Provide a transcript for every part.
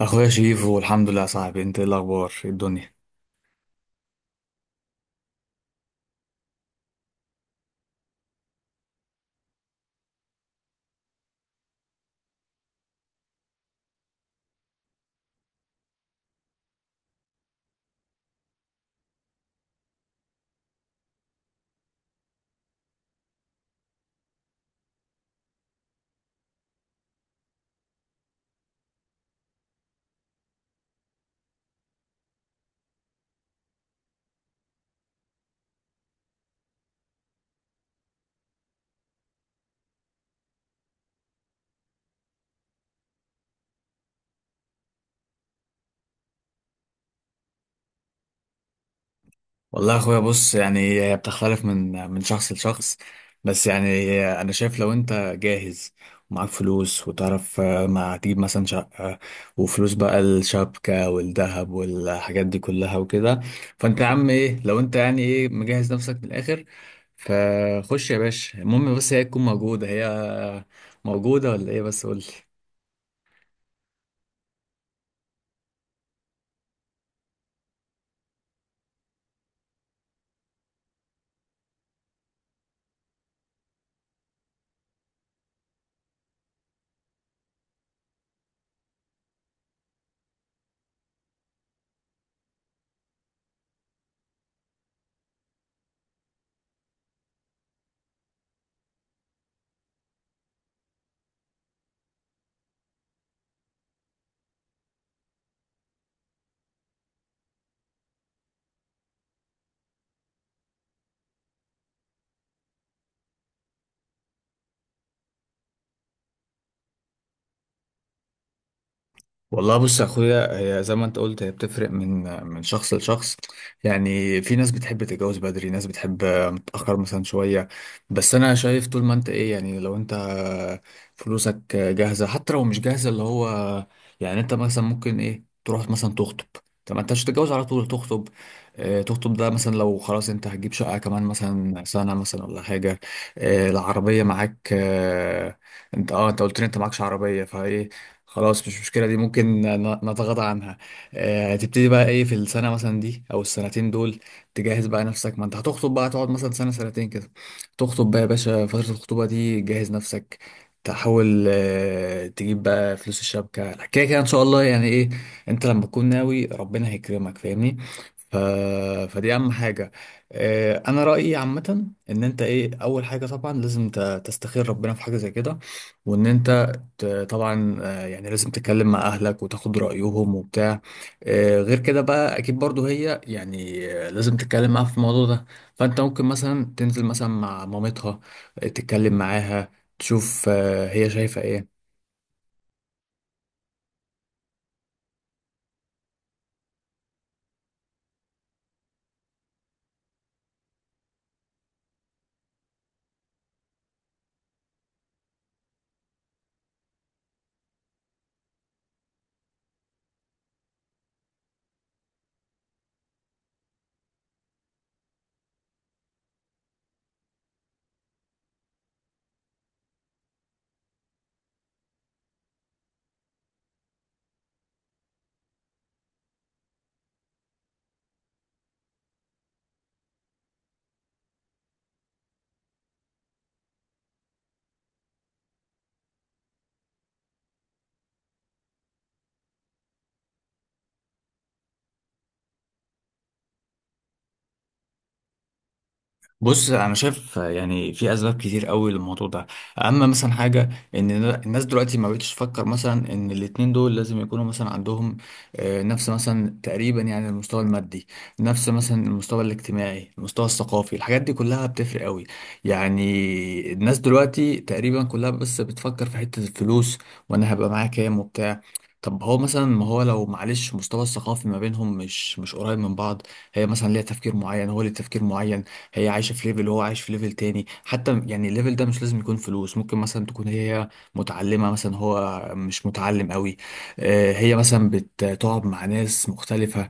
اخويا شريفو، الحمد لله يا صاحبي. انت ايه الاخبار؟ ايه الدنيا؟ والله يا اخويا بص، يعني هي بتختلف من شخص لشخص. بس يعني انا شايف لو انت جاهز ومعاك فلوس وتعرف ما تجيب مثلا شقة، وفلوس بقى الشبكة والذهب والحاجات دي كلها وكده. فانت يا عم ايه، لو انت يعني ايه مجهز نفسك من الاخر، فخش يا باشا. المهم بس هي تكون موجودة، هي موجودة ولا ايه؟ بس قولي. والله بص يا اخويا، هي زي ما انت قلت هي بتفرق من شخص لشخص. يعني في ناس بتحب تتجوز بدري، ناس بتحب متأخر مثلا شوية. بس انا شايف طول ما انت ايه يعني، لو انت فلوسك جاهزة، حتى لو مش جاهزة اللي هو يعني انت مثلا ممكن ايه تروح مثلا تخطب. طب ما انت مش هتتجوز على طول، تخطب. تخطب ده مثلا لو خلاص انت هتجيب شقة كمان مثلا سنة مثلا ولا حاجة. العربية معاك. انت قلت لي انت معكش عربية فايه. خلاص مش مشكلة، دي ممكن نتغاضى عنها. تبتدي بقى ايه في السنة مثلا دي او السنتين دول. تجهز بقى نفسك، ما انت هتخطب بقى، تقعد مثلا سنة سنتين كده. تخطب بقى يا باشا. فترة الخطوبة دي جهز نفسك، تحاول تجيب بقى فلوس الشبكة كده كده، ان شاء الله يعني ايه. انت لما تكون ناوي ربنا هيكرمك، فاهمني. ف... فدي اهم حاجة. انا رأيي عامة ان انت ايه، اول حاجة طبعا لازم تستخير ربنا في حاجة زي كده. وان انت طبعا يعني لازم تتكلم مع اهلك وتاخد رايهم وبتاع. غير كده بقى اكيد برضو هي يعني لازم تتكلم معاها في الموضوع ده. فانت ممكن مثلا تنزل مثلا مع مامتها، تتكلم معاها، تشوف هي شايفه ايه. بص، انا شايف يعني في اسباب كتير قوي للموضوع ده. اما مثلا حاجه، ان الناس دلوقتي ما بقتش تفكر مثلا ان الاتنين دول لازم يكونوا مثلا عندهم نفس مثلا تقريبا يعني المستوى المادي، نفس مثلا المستوى الاجتماعي، المستوى الثقافي، الحاجات دي كلها بتفرق قوي. يعني الناس دلوقتي تقريبا كلها بس بتفكر في حته الفلوس، وانا هبقى معايا كام وبتاع. طب هو مثلا ما هو لو معلش مستوى الثقافي ما بينهم مش قريب من بعض، هي مثلا ليها تفكير معين، هو ليه تفكير معين. هي عايشة في ليفل وهو عايش في ليفل تاني، حتى يعني الليفل ده مش لازم يكون فلوس، ممكن مثلا تكون هي متعلمة مثلا هو مش متعلم قوي. هي مثلا بتقعد مع ناس مختلفة.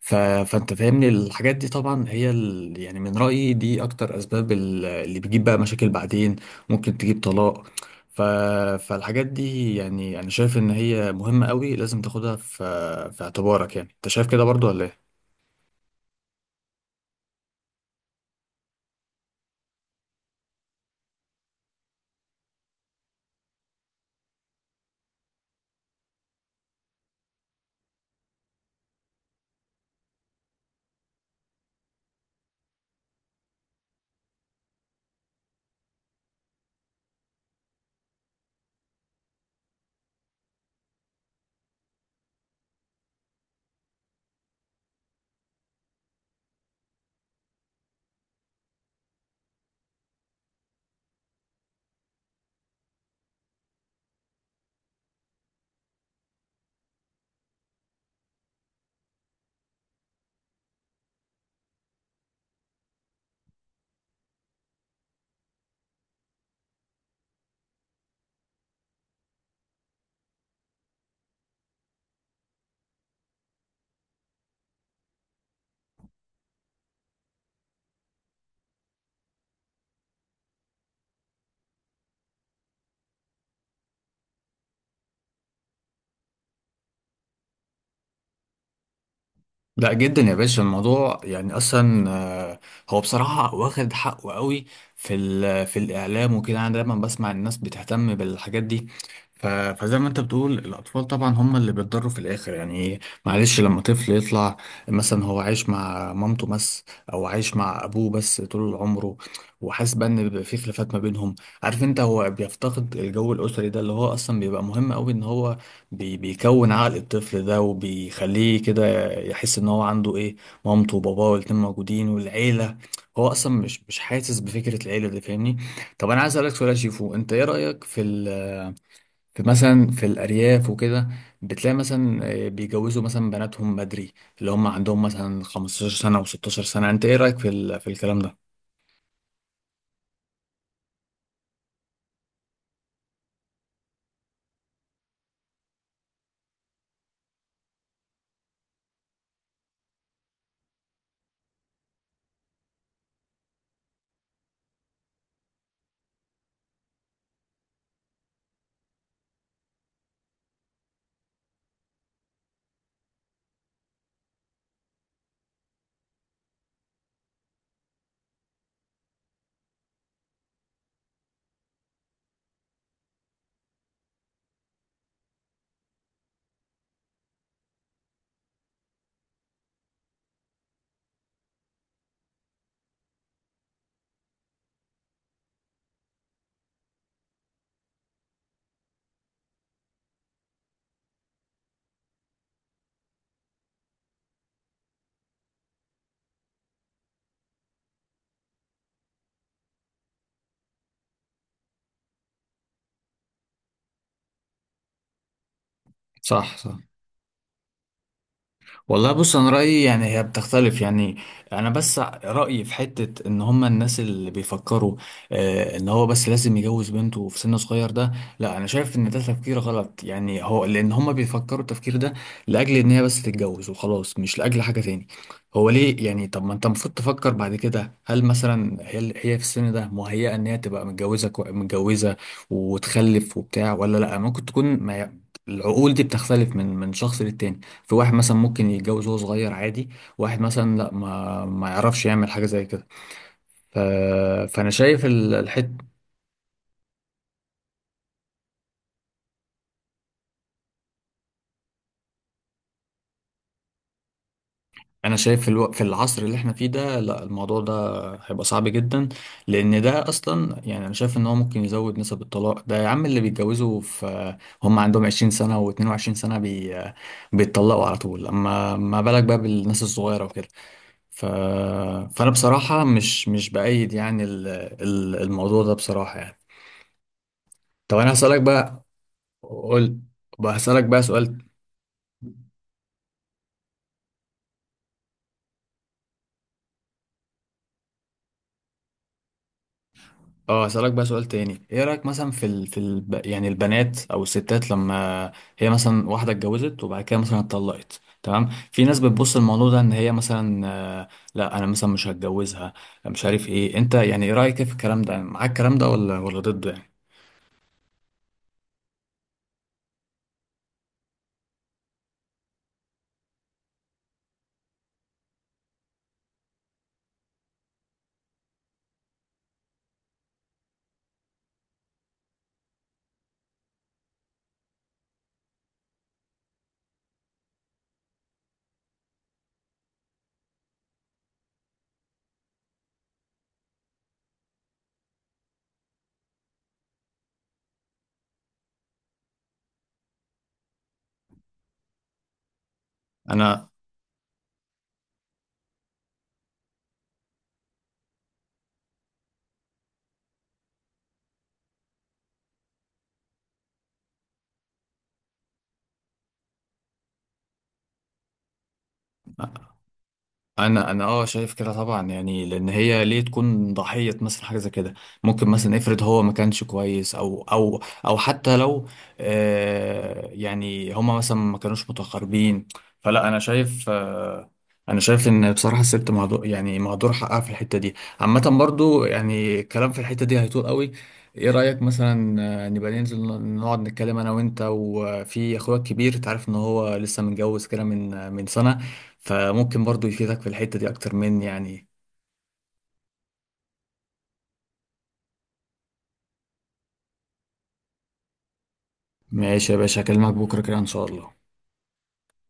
ف... فانت فاهمني، الحاجات دي طبعا هي يعني من رأيي دي اكتر اسباب اللي بتجيب بقى مشاكل بعدين، ممكن تجيب طلاق. ف... فالحاجات دي يعني انا شايف ان هي مهمة قوي، لازم تاخدها في اعتبارك. يعني انت شايف كده برضو ولا إيه؟ لا جدا يا باشا، الموضوع يعني اصلا هو بصراحه واخد حقه قوي في في الاعلام وكده، انا دايما بسمع الناس بتهتم بالحاجات دي. فزي ما انت بتقول، الاطفال طبعا هم اللي بيتضروا في الاخر يعني. معلش لما طفل يطلع مثلا هو عايش مع مامته بس، او عايش مع ابوه بس طول عمره، وحاسس بقى ان بيبقى في خلافات ما بينهم. عارف انت، هو بيفتقد الجو الاسري ده، اللي هو اصلا بيبقى مهم قوي ان هو بيكون عقل الطفل ده وبيخليه كده يحس ان هو عنده ايه، مامته وباباه والاتنين موجودين والعيله. هو اصلا مش حاسس بفكره العيله دي، فاهمني. طب انا عايز اسالك سؤال يا شيفو، انت ايه رايك في في مثلا في الارياف وكده. بتلاقي مثلا بيجوزوا مثلا بناتهم بدري، اللي هم عندهم مثلا 15 سنه و16 سنه، انت ايه رايك في في الكلام ده؟ صح صح. والله بص، انا رايي يعني هي بتختلف يعني. انا بس رايي في حته، ان هم الناس اللي بيفكروا ان هو بس لازم يجوز بنته في سن صغير ده، لا انا شايف ان ده تفكير غلط يعني، هو لان هم بيفكروا التفكير ده لاجل ان هي بس تتجوز وخلاص، مش لاجل حاجه تاني. هو ليه يعني، طب ما انت المفروض تفكر بعد كده، هل مثلا هي في السن ده مهيئه ان هي تبقى متجوزه متجوزه وتخلف وبتاع ولا لا، ممكن تكون ما ي- العقول دي بتختلف من شخص للتاني. في واحد مثلا ممكن يتجوز وهو صغير عادي، واحد مثلا لا، ما يعرفش يعمل حاجة زي كده. ف... فأنا شايف الحت أنا شايف في العصر اللي احنا فيه ده، لا الموضوع ده هيبقى صعب جدا. لأن ده أصلا، يعني أنا شايف إن هو ممكن يزود نسب الطلاق ده، يا عم اللي بيتجوزوا في هم عندهم 20 سنة و22 سنة بيتطلقوا على طول، أما ما بالك بقى بالناس الصغيرة وكده. ف... فأنا بصراحة مش بأيد يعني الموضوع ده بصراحة يعني. طب انا هسألك بقى، قلت بقى هسألك بقى سؤال. اه هسألك بقى سؤال تاني، ايه رأيك مثلا في يعني البنات او الستات لما هي مثلا واحدة اتجوزت وبعد كده مثلا اتطلقت، تمام. في ناس بتبص الموضوع ده ان هي مثلا آه، لا، انا مثلا مش هتجوزها، مش عارف ايه. انت يعني ايه رأيك في الكلام ده؟ معاك الكلام ده ولا ضده يعني؟ انا انا شايف كده طبعا يعني، لان هي ليه تكون ضحيه مثلا حاجه زي كده. ممكن مثلا افرض هو ما كانش كويس، او حتى لو يعني هما مثلا ما كانوش متقاربين. فلا انا شايف ان بصراحه الست مهدور، يعني مهدور حقها في الحته دي. عامه برضو يعني الكلام في الحته دي هيطول قوي. ايه رايك مثلا، نبقى ننزل، نقعد نتكلم انا وانت وفي اخويا الكبير. تعرف ان هو لسه متجوز كده من سنه، فممكن برضو يفيدك في الحتة دي أكتر مني يعني. ماشي يا باشا، هكلمك بكرة كده إن شاء الله.